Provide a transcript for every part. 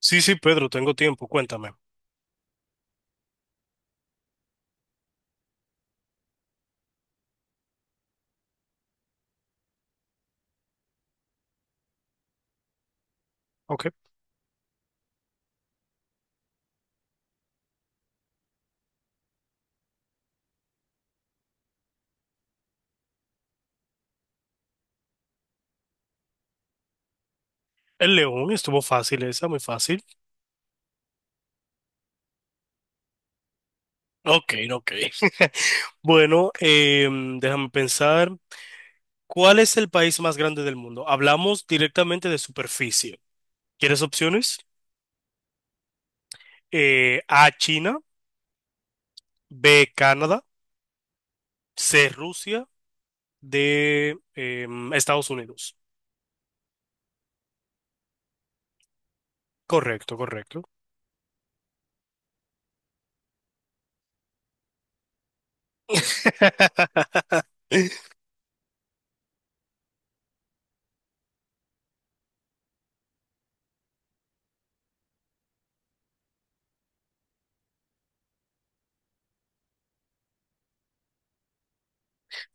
Sí, sí, Pedro, tengo tiempo, cuéntame. Ok. El león, estuvo fácil esa, muy fácil. Ok, ok. Bueno, déjame pensar. ¿Cuál es el país más grande del mundo? Hablamos directamente de superficie. ¿Quieres opciones? A, China, B, Canadá, C, Rusia, D, Estados Unidos. Correcto, correcto.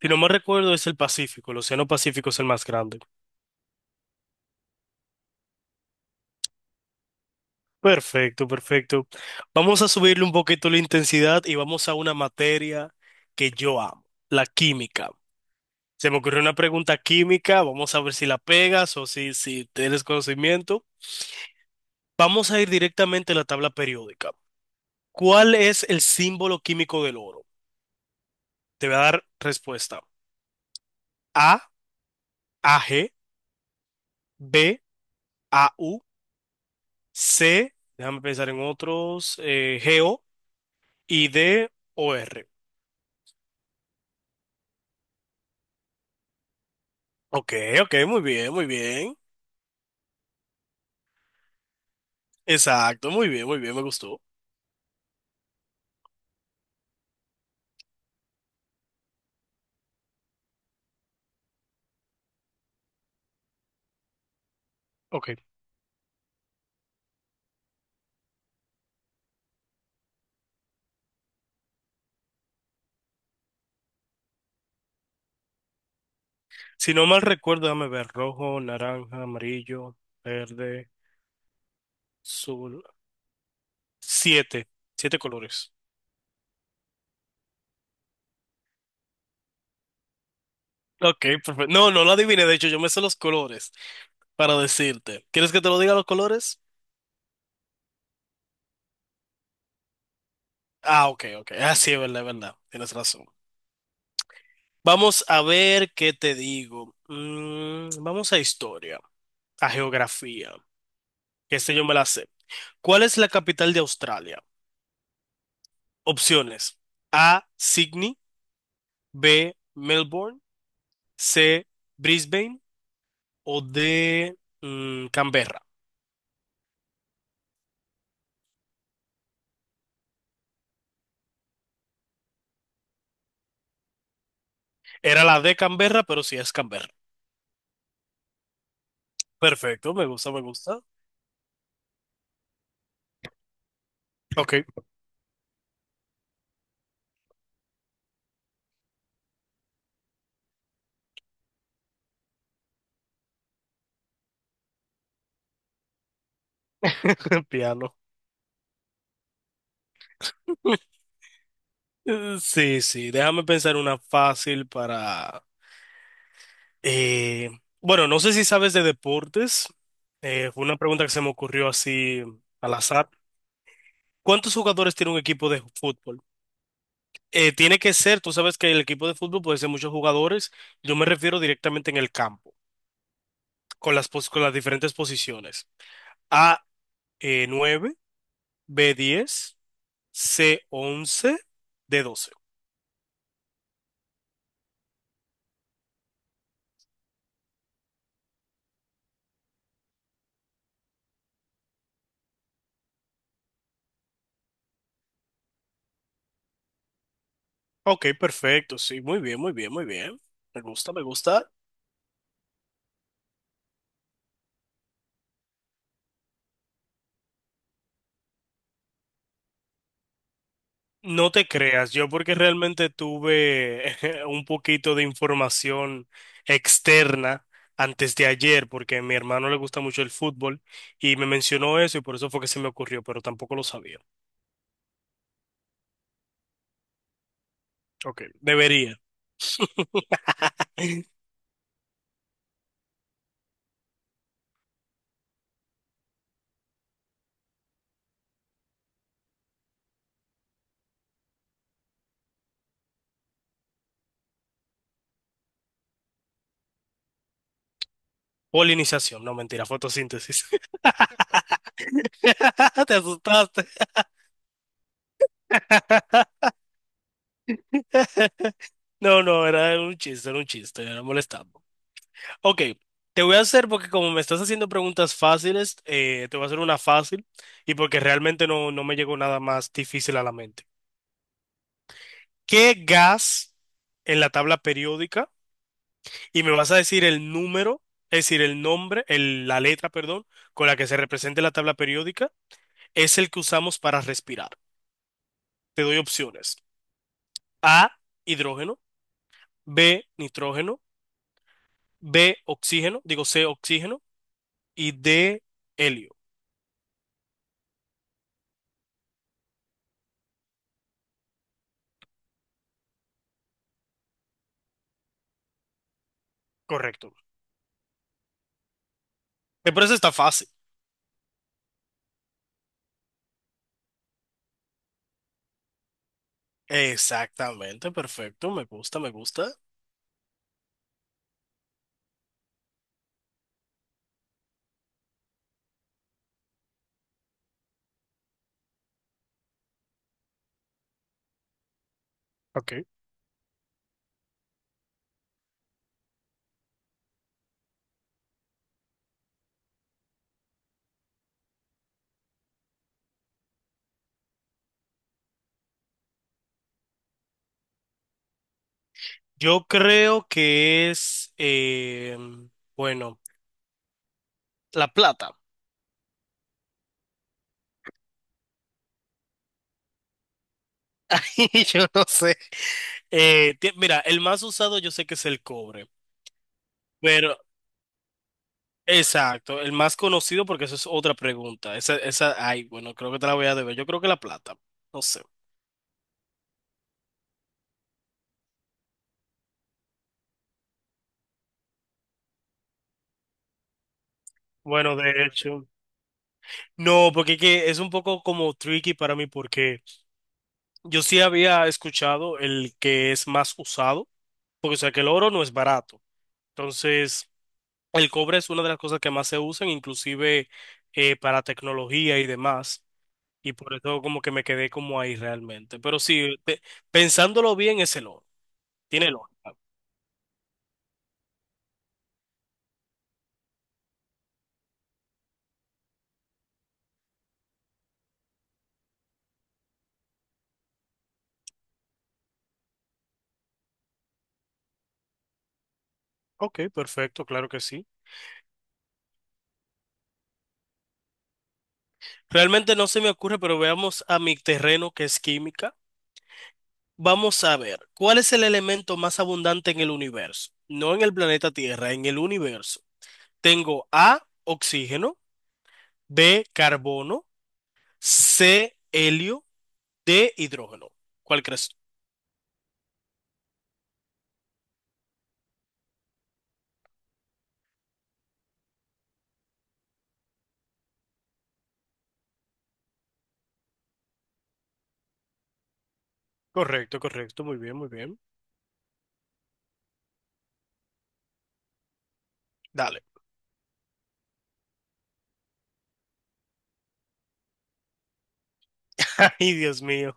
Si no me recuerdo, es el Pacífico. El Océano Pacífico es el más grande. Perfecto, perfecto. Vamos a subirle un poquito la intensidad y vamos a una materia que yo amo, la química. Se me ocurrió una pregunta química, vamos a ver si la pegas o si tienes conocimiento. Vamos a ir directamente a la tabla periódica. ¿Cuál es el símbolo químico del oro? Te voy a dar respuesta. A, AG, B, AU, C, déjame pensar en otros, GO y D, OR. Ok, ok, muy bien, muy bien. Exacto, muy bien, me gustó. Ok. Si no mal recuerdo, déjame ver, rojo, naranja, amarillo, verde, azul. Siete, siete colores. Ok, perfecto. No, no lo adiviné, de hecho, yo me sé los colores para decirte. ¿Quieres que te lo diga los colores? Ah, ok, ok. Ah, sí, es verdad, es verdad. Tienes razón. Vamos a ver qué te digo. Mm, vamos a historia, a geografía. Este yo me la sé. ¿Cuál es la capital de Australia? Opciones. A, Sydney. B, Melbourne, C, Brisbane o D, Canberra. Era la de Canberra, pero sí es Canberra. Perfecto, me gusta, me gusta. Ok, piano. Sí, sí, déjame pensar una fácil para... eh, bueno, no sé si sabes de deportes. Fue una pregunta que se me ocurrió así al azar. ¿Cuántos jugadores tiene un equipo de fútbol? Tiene que ser, tú sabes que el equipo de fútbol puede ser muchos jugadores. Yo me refiero directamente en el campo, con las, pos- con las diferentes posiciones. A, nueve; B, diez; C, once; D, doce. Ok, perfecto, sí, muy bien, muy bien, muy bien. Me gusta, me gusta. No te creas, yo porque realmente tuve un poquito de información externa antes de ayer, porque a mi hermano le gusta mucho el fútbol y me mencionó eso y por eso fue que se me ocurrió, pero tampoco lo sabía. Ok, debería. Polinización, no, mentira, fotosíntesis. Te asustaste. No, no, era un chiste, era un chiste, era molestando. Ok, te voy a hacer, porque como me estás haciendo preguntas fáciles, te voy a hacer una fácil y porque realmente no me llegó nada más difícil a la mente. ¿Qué gas en la tabla periódica? Y me vas a decir el número, es decir, el nombre, el- la letra, perdón, con la que se representa la tabla periódica, es el que usamos para respirar. Te doy opciones. A, hidrógeno; B, nitrógeno; B, oxígeno, digo C, oxígeno, y de helio. Correcto. Me parece está fácil. Exactamente, perfecto. Me gusta, me gusta. Ok. Yo creo que es, bueno, la plata. Yo no sé. Ti- mira, el más usado yo sé que es el cobre, pero exacto, el más conocido porque eso es otra pregunta. Esa, ay, bueno, creo que te la voy a deber. Yo creo que la plata, no sé. Bueno, de hecho, no, porque es que es un poco como tricky para mí porque yo sí había escuchado el que es más usado, porque o sea que el oro no es barato. Entonces, el cobre es una de las cosas que más se usan, inclusive para tecnología y demás. Y por eso como que me quedé como ahí realmente. Pero sí, pe- pensándolo bien, es el oro. Tiene lógica. Ok, perfecto, claro que sí. Realmente no se me ocurre, pero veamos a mi terreno que es química. Vamos a ver, ¿cuál es el elemento más abundante en el universo? No en el planeta Tierra, en el universo. Tengo A, oxígeno; B, carbono; C, helio; D, hidrógeno. ¿Cuál crees tú? Correcto, correcto, muy bien, muy bien. Dale. Ay, Dios mío.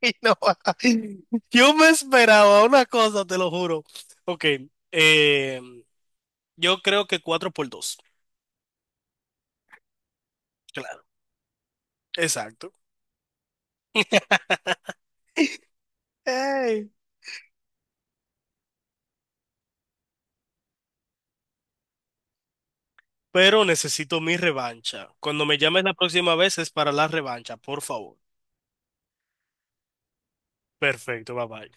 Ay, no. Yo me esperaba una cosa, te lo juro. Ok, eh, yo creo que 4 por 2. Claro, exacto. Ey, pero necesito mi revancha. Cuando me llames la próxima vez es para la revancha, por favor. Perfecto, bye bye.